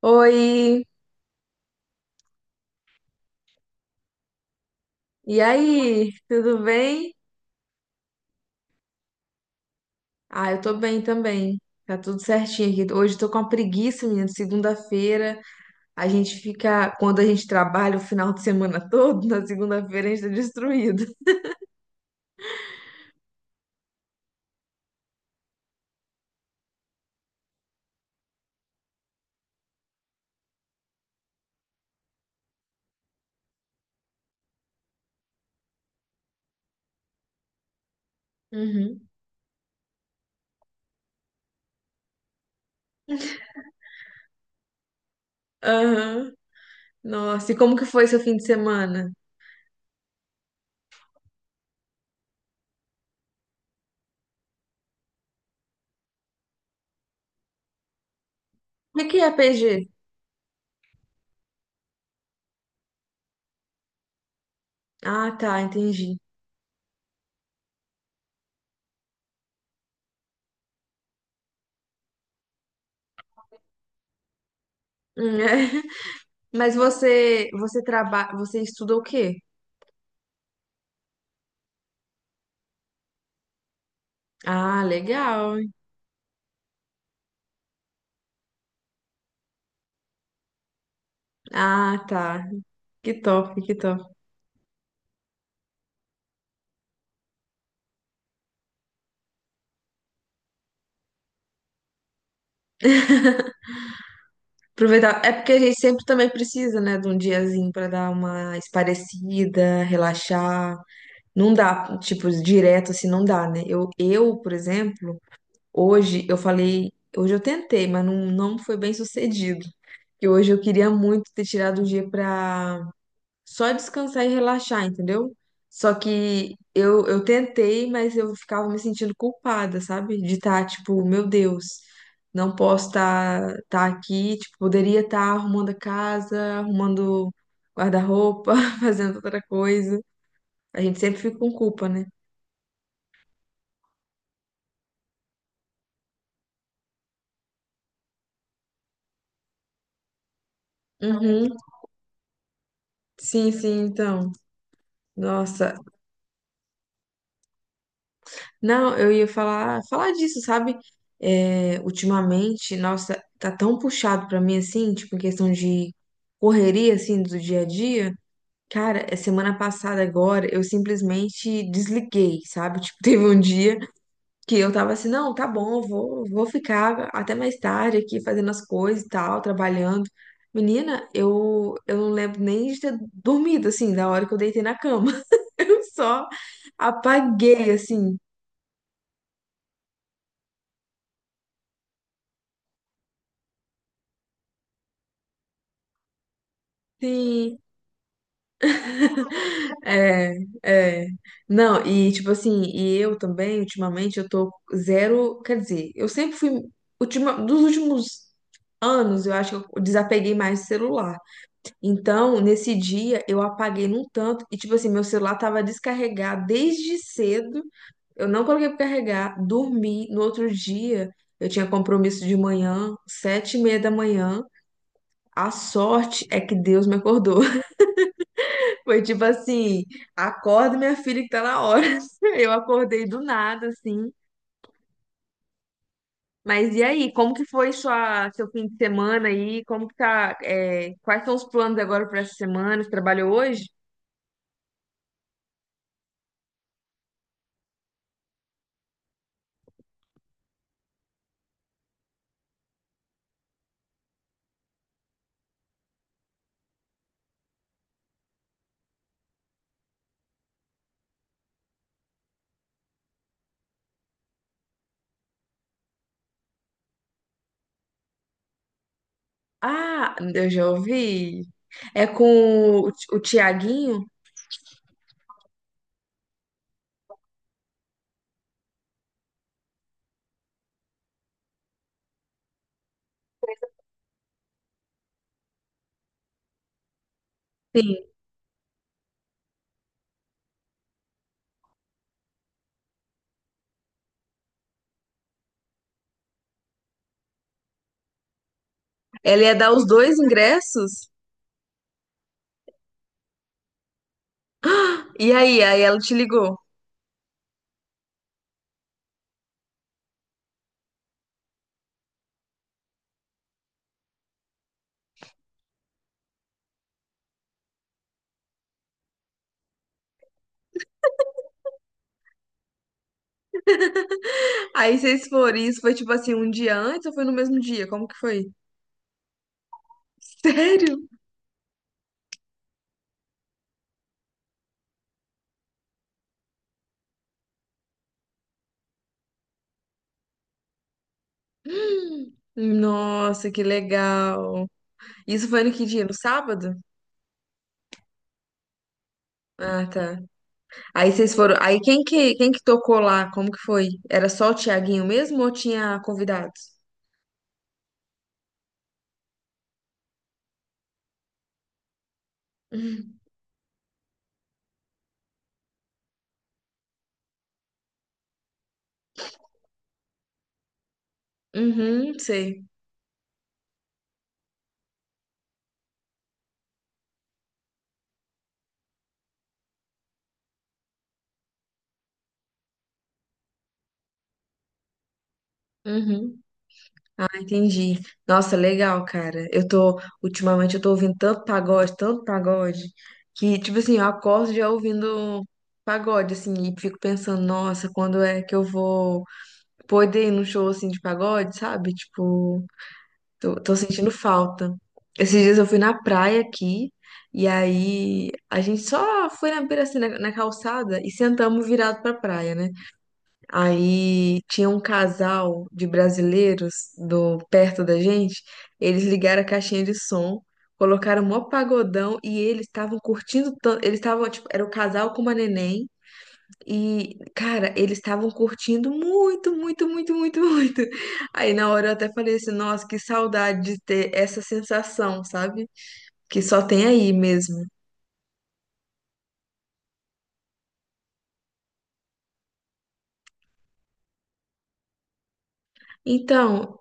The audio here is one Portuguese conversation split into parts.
Oi, e aí? Tudo bem? Ah, eu tô bem também. Tá tudo certinho aqui. Hoje eu tô com uma preguiça, menina. Segunda-feira, a gente fica. Quando a gente trabalha o final de semana todo, na segunda-feira a gente tá destruído. Uhum. Aham. Nossa, e como que foi seu fim de semana? O que que é PG? Ah, tá, entendi. É. Mas você trabalha, você estuda o quê? Ah, legal. Ah, tá. Que top, que top. Aproveitar. É porque a gente sempre também precisa, né, de um diazinho pra dar uma esparecida, relaxar. Não dá, tipo, direto assim, não dá, né? Eu, por exemplo, hoje eu falei, hoje eu tentei, mas não foi bem sucedido. Que hoje eu queria muito ter tirado um dia pra só descansar e relaxar, entendeu? Só que eu tentei, mas eu ficava me sentindo culpada, sabe? De estar, tipo, meu Deus, não posso estar aqui, tipo, poderia estar arrumando a casa, arrumando guarda-roupa, fazendo outra coisa. A gente sempre fica com culpa, né? Uhum. Sim, sim, então. Nossa, não, eu ia falar, falar disso, sabe? É, ultimamente, nossa, tá tão puxado pra mim assim, tipo, em questão de correria assim do dia a dia. Cara, é semana passada agora, eu simplesmente desliguei, sabe? Tipo, teve um dia que eu tava assim, não, tá bom, vou ficar até mais tarde aqui fazendo as coisas e tal, trabalhando. Menina, eu não lembro nem de ter dormido assim, da hora que eu deitei na cama. Eu só apaguei assim. Sim. É, é. Não, e tipo assim, e eu também, ultimamente, eu tô zero. Quer dizer, eu sempre fui. Ultima, dos últimos anos, eu acho que eu desapeguei mais do celular. Então, nesse dia, eu apaguei num tanto. E tipo assim, meu celular tava descarregado desde cedo. Eu não coloquei pra carregar, dormi. No outro dia, eu tinha compromisso de manhã, sete e meia da manhã. A sorte é que Deus me acordou. Foi tipo assim, acorda minha filha que tá na hora. Eu acordei do nada, assim. Mas e aí, como que foi sua, seu fim de semana aí? Como que tá, é, quais são os planos agora para essa semana? Você trabalhou hoje? Ah, eu já ouvi. É com o Tiaguinho? Sim. Ela ia dar os dois ingressos? E aí, aí ela te ligou. Aí vocês foram, e isso foi tipo assim, um dia antes ou foi no mesmo dia? Como que foi? Sério? Nossa, que legal. Isso foi no que dia? No sábado? Ah, tá. Aí vocês foram. Aí quem que tocou lá? Como que foi? Era só o Tiaguinho mesmo ou tinha convidados? Uhum. Uhum, sei. Uhum. Ah, entendi. Nossa, legal, cara. Eu tô, ultimamente eu tô ouvindo tanto pagode, que, tipo assim, eu acordo já ouvindo pagode, assim, e fico pensando, nossa, quando é que eu vou poder ir num show, assim, de pagode, sabe? Tipo, tô, tô sentindo falta. Esses dias eu fui na praia aqui, e aí a gente só foi na beira, assim, na calçada e sentamos virado pra praia, né? Aí tinha um casal de brasileiros do, perto da gente, eles ligaram a caixinha de som, colocaram mó pagodão e eles estavam curtindo tanto. Eles estavam, tipo, era o casal com uma neném. E, cara, eles estavam curtindo muito, muito, muito, muito, muito. Aí na hora eu até falei assim, nossa, que saudade de ter essa sensação, sabe? Que só tem aí mesmo. Então,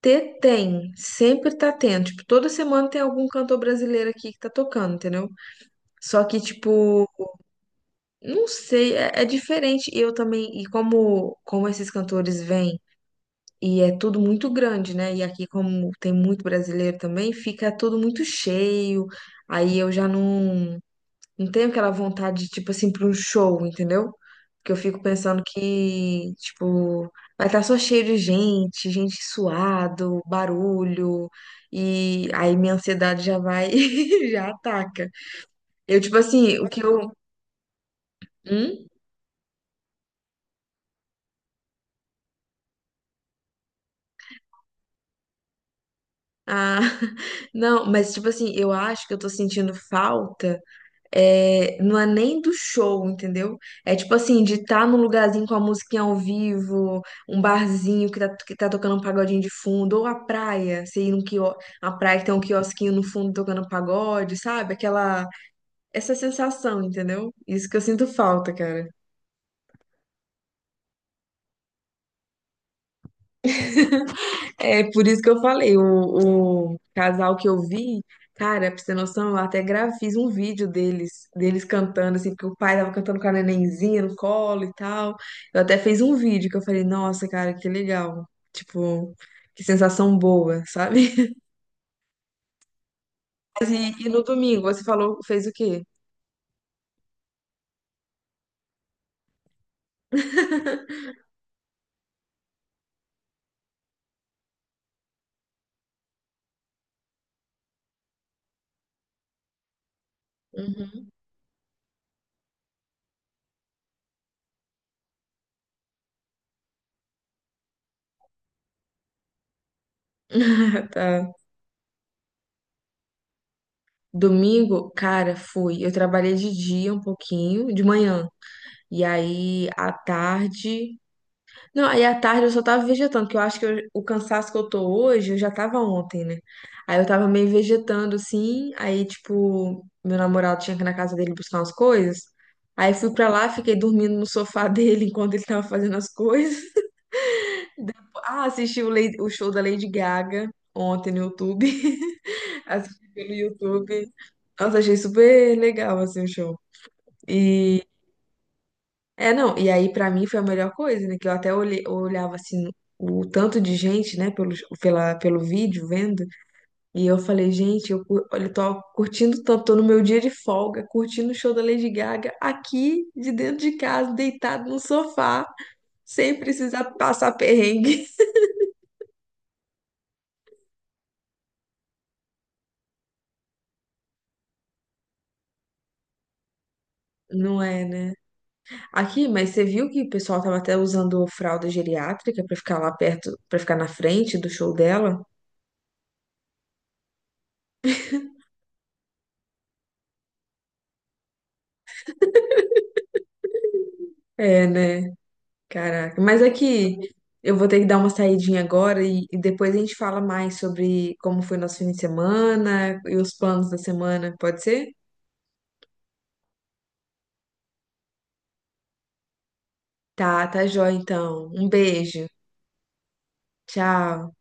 ter tem, sempre tá tendo. Tipo, toda semana tem algum cantor brasileiro aqui que tá tocando, entendeu? Só que, tipo, não sei, é, é diferente. E eu também, e como, como esses cantores vêm. E é tudo muito grande, né? E aqui, como tem muito brasileiro também, fica tudo muito cheio. Aí eu já não, não tenho aquela vontade, tipo assim, para um show, entendeu? Porque eu fico pensando que, tipo, vai estar só cheio de gente, gente suado, barulho. E aí minha ansiedade já vai, e já ataca. Eu, tipo assim, o que eu. Hum? Ah, não, mas tipo assim, eu acho que eu tô sentindo falta. É, não é nem do show, entendeu? É tipo assim, de estar num lugarzinho com a musiquinha ao vivo, um barzinho que tá tocando um pagodinho de fundo, ou a praia, você ir num quio, a praia que tem um quiosquinho no fundo tocando pagode, sabe? Aquela, essa sensação, entendeu? Isso que eu sinto falta, cara. É por isso que eu falei, o casal que eu vi, cara, pra você ter noção, eu até gravei, fiz um vídeo deles, deles cantando, assim, porque o pai tava cantando com a nenenzinha no colo e tal. Eu até fiz um vídeo que eu falei, nossa, cara, que legal. Tipo, que sensação boa, sabe? E no domingo, você falou, fez o quê? Uhum. Tá. Domingo, cara, fui. Eu trabalhei de dia um pouquinho, de manhã. E aí, à tarde. Não, aí à tarde eu só tava vegetando, que eu acho que eu- o cansaço que eu tô hoje, eu já tava ontem, né? Aí eu tava meio vegetando, assim, aí, tipo, meu namorado tinha que ir na casa dele buscar umas coisas. Aí fui pra lá, fiquei dormindo no sofá dele enquanto ele tava fazendo as coisas. Ah, assisti o, Lady- o show da Lady Gaga ontem no YouTube. Assisti pelo YouTube. Nossa, achei super legal, assim, o show. E é, não, e aí pra mim foi a melhor coisa, né? Que eu até olhe- eu olhava assim o tanto de gente, né, pelo, pela, pelo vídeo vendo, e eu falei, gente, eu, cu- olha, eu tô curtindo tanto, tô no meu dia de folga, curtindo o show da Lady Gaga aqui de dentro de casa, deitado no sofá, sem precisar passar perrengue. Não é, né? Aqui, mas você viu que o pessoal tava até usando fralda geriátrica pra ficar lá perto, pra ficar na frente do show dela? É, né? Caraca, mas é que eu vou ter que dar uma saidinha agora e depois a gente fala mais sobre como foi nosso fim de semana e os planos da semana, pode ser? Tá, tá jóia então. Um beijo. Tchau.